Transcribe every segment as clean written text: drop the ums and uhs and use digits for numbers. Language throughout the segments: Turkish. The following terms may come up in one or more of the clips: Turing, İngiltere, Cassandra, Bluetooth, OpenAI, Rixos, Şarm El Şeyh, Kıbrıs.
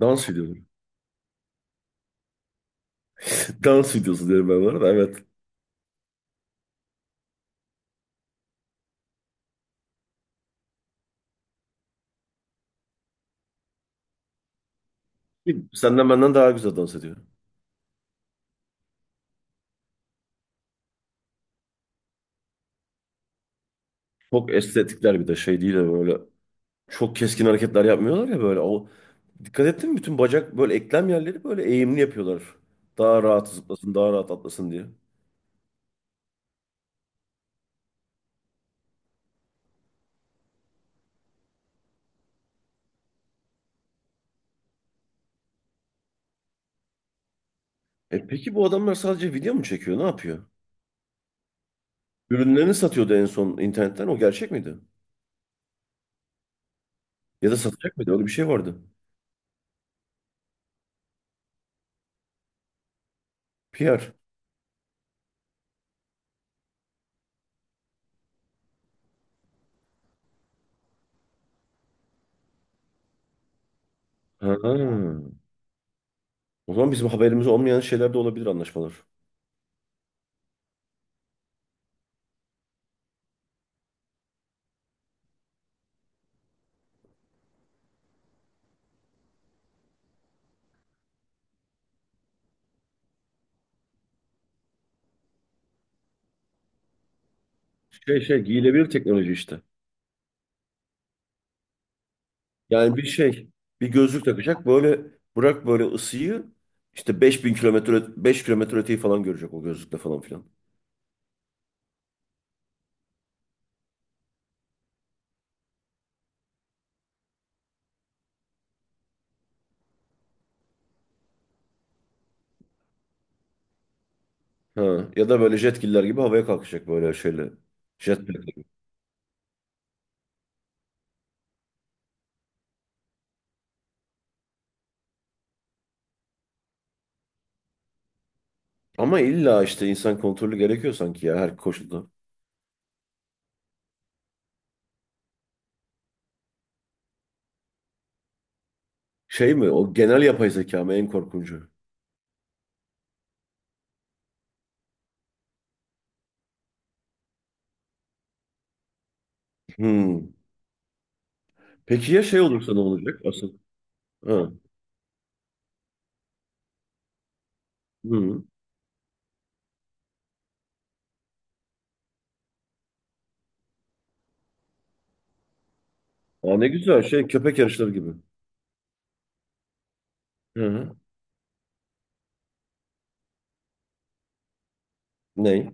Dans videoları. Dans videosu diyorum ben buna da evet. Senden benden daha güzel dans ediyor. Çok estetikler bir de şey değil de böyle çok keskin hareketler yapmıyorlar ya böyle. O, dikkat ettin mi? Bütün bacak böyle eklem yerleri böyle eğimli yapıyorlar. Daha rahat zıplasın, daha rahat atlasın diye. E peki bu adamlar sadece video mu çekiyor? Ne yapıyor? Ürünlerini satıyordu en son internetten. O gerçek miydi? Ya da satacak mıydı? Öyle bir şey vardı. PR. Ha. O zaman bizim haberimiz olmayan şeyler de olabilir, anlaşmalar. Şey giyilebilir teknoloji işte. Yani bir şey, bir gözlük takacak böyle, bırak böyle ısıyı işte 5.000 kilometre 5 kilometre öteyi falan görecek o gözlükle falan filan. Ha, ya da böyle jetkiller gibi havaya kalkacak böyle şeyle. Jetpack gibi. Ama illa işte insan kontrolü gerekiyor sanki ya her koşulda. Şey mi o, genel yapay zeka mı en korkuncu? Hmm. Peki ya şey olursa ne olacak asıl? Ha. Hmm. Aa, ne güzel şey, köpek yarışları gibi. Hı hı. Ne?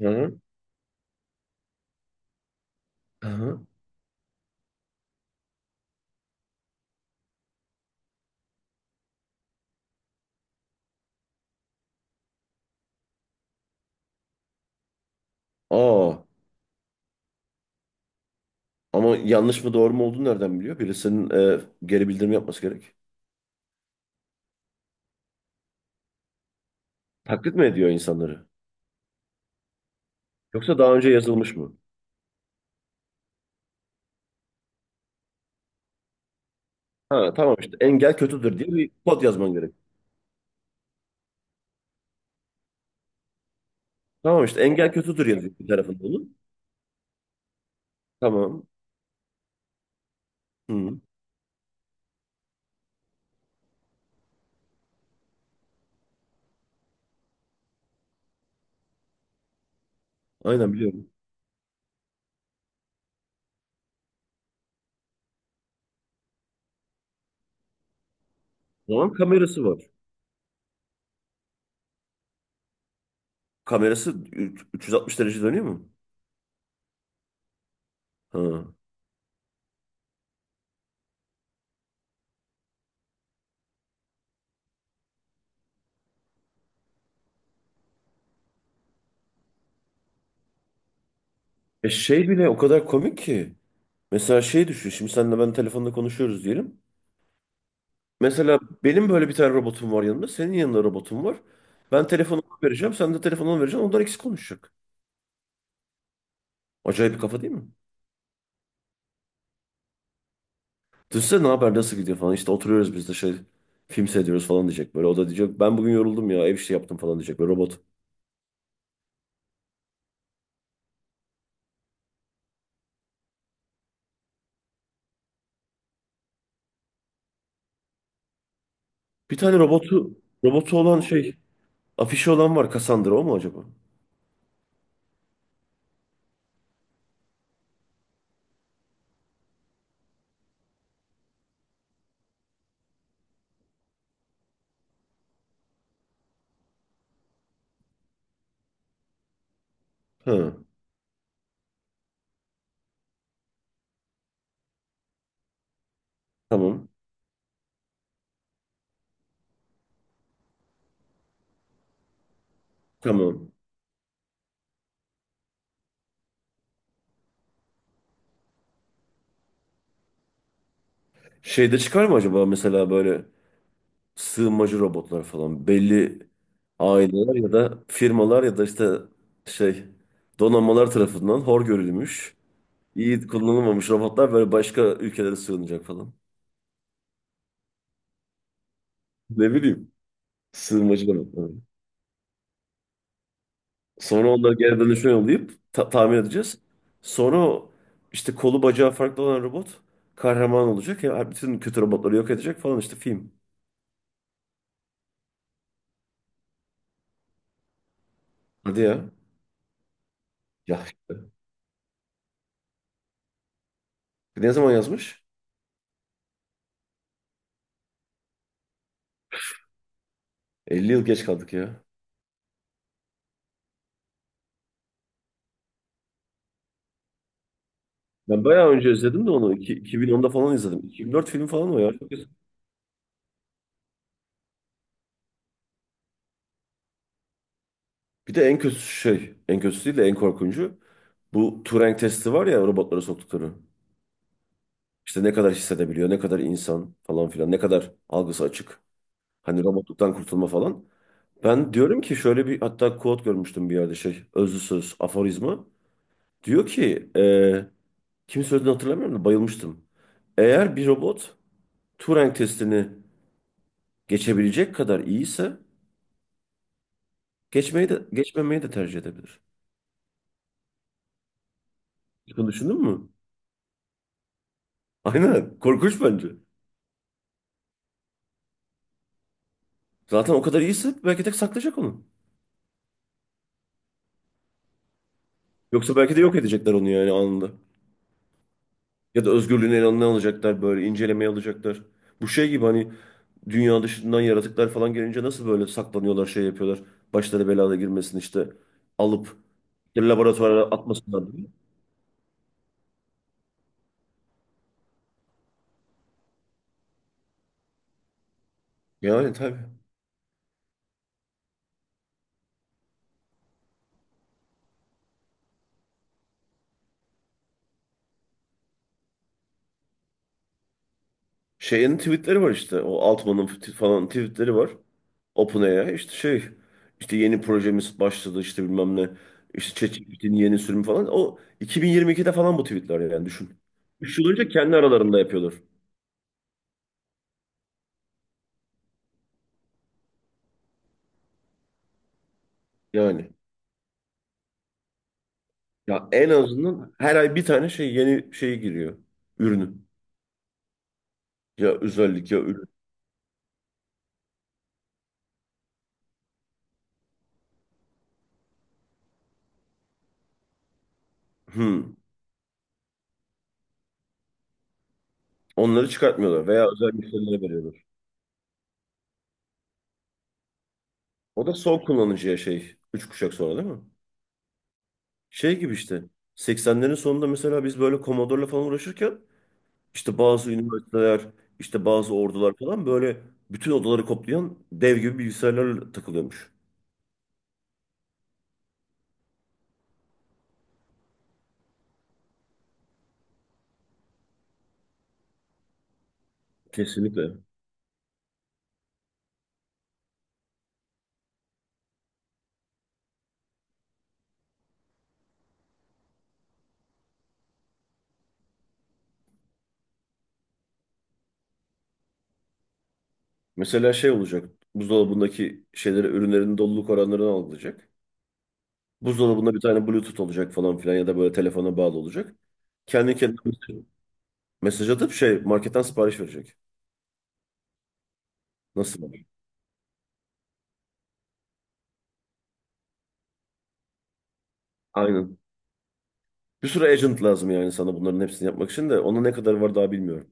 Hı hı. Hı hı. Aa. Ama yanlış mı doğru mu olduğunu nereden biliyor? Birisinin geri bildirim yapması gerek. Taklit mi ediyor insanları? Yoksa daha önce yazılmış mı? Ha tamam, işte engel kötüdür diye bir kod yazman gerek. Tamam, işte engel kötüdür yazıyor bir tarafında onun. Tamam. Hı, aynen biliyorum. O zaman kamerası var. Kamerası üç- 360 derece dönüyor mu? Ha. E şey bile o kadar komik ki. Mesela şey düşün. Şimdi senle ben telefonda konuşuyoruz diyelim. Mesela benim böyle bir tane robotum var yanımda. Senin yanında robotum var. Ben telefonu vereceğim. Sen de telefonu ona vereceksin. Onlar ikisi konuşacak. Acayip bir kafa değil mi? Düşünsene, ne haber, nasıl gidiyor falan. İşte oturuyoruz biz de şey, film seyrediyoruz falan diyecek böyle. O da diyecek ben bugün yoruldum ya, ev işi yaptım falan diyecek böyle robot. Bir tane robotu olan şey, afişi olan var, Cassandra o mu acaba? Ha, tamam tamam. Şeyde çıkar mı acaba mesela böyle sığınmacı robotlar falan, belli aileler ya da firmalar ya da işte şey, donanmalar tarafından hor görülmüş, iyi kullanılmamış robotlar böyle başka ülkelere sığınacak falan. Ne bileyim, sığınmacı robotlar. Sonra onları geri dönüşüme yollayıp ta- tamir edeceğiz. Sonra o işte kolu bacağı farklı olan robot kahraman olacak ya, bütün kötü robotları yok edecek falan, işte film. Hadi ya. Ya işte. Ne zaman yazmış? 50 yıl geç kaldık ya. Ben bayağı önce izledim de onu. İki- 2010'da falan izledim. 2004 film falan o ya. Çok eski. Bir de en kötü şey, en kötüsü değil de en korkuncu. Bu Turing testi var ya, robotlara soktukları. İşte ne kadar hissedebiliyor, ne kadar insan falan filan, ne kadar algısı açık. Hani robotluktan kurtulma falan. Ben diyorum ki şöyle bir, hatta quote görmüştüm bir yerde, şey, özlü söz, aforizma. Diyor ki, kim söylediğini hatırlamıyorum da bayılmıştım. Eğer bir robot Turing testini geçebilecek kadar iyiyse, geçmeyi de geçmemeyi de tercih edebilir. Hiç bunu düşündün mü? Aynen. Korkunç bence. Zaten o kadar iyiyse belki de saklayacak onu. Yoksa belki de yok edecekler onu yani anında. Ya da özgürlüğünü eline alacaklar, böyle incelemeye alacaklar. Bu şey gibi hani, dünya dışından yaratıklar falan gelince nasıl böyle saklanıyorlar, şey yapıyorlar. Başları belada girmesin işte, alıp bir laboratuvara atmasınlar diye. Yani tabii. Şeyin tweetleri var işte, o Altman'ın t- falan tweetleri var. OpenAI işte şey, işte yeni projemiz başladı, işte bilmem ne, işte ChatGPT'nin yeni sürümü falan, o 2022'de falan bu tweetler yani, düşün. Üç yıl önce kendi aralarında yapıyorlar yani. Ya en azından her ay bir tane şey, yeni şey giriyor, ürünü. Ya özellik ya ürün. Hmm. Onları çıkartmıyorlar veya özel müşterilere veriyorlar. O da son kullanıcıya şey 3 kuşak sonra değil mi? Şey gibi işte, 80'lerin sonunda mesela biz böyle Commodore'la falan uğraşırken, İşte bazı üniversiteler, işte bazı ordular falan böyle bütün odaları koplayan dev gibi bilgisayarlarla takılıyormuş. Kesinlikle. Mesela şey olacak. Buzdolabındaki şeyleri, ürünlerin doluluk oranlarını algılayacak. Buzdolabında bir tane Bluetooth olacak falan filan ya da böyle telefona bağlı olacak. Kendi kendine mesaj atıp şey marketten sipariş verecek. Nasıl? Aynen. Bir sürü agent lazım yani sana, bunların hepsini yapmak için de ona ne kadar var daha bilmiyorum.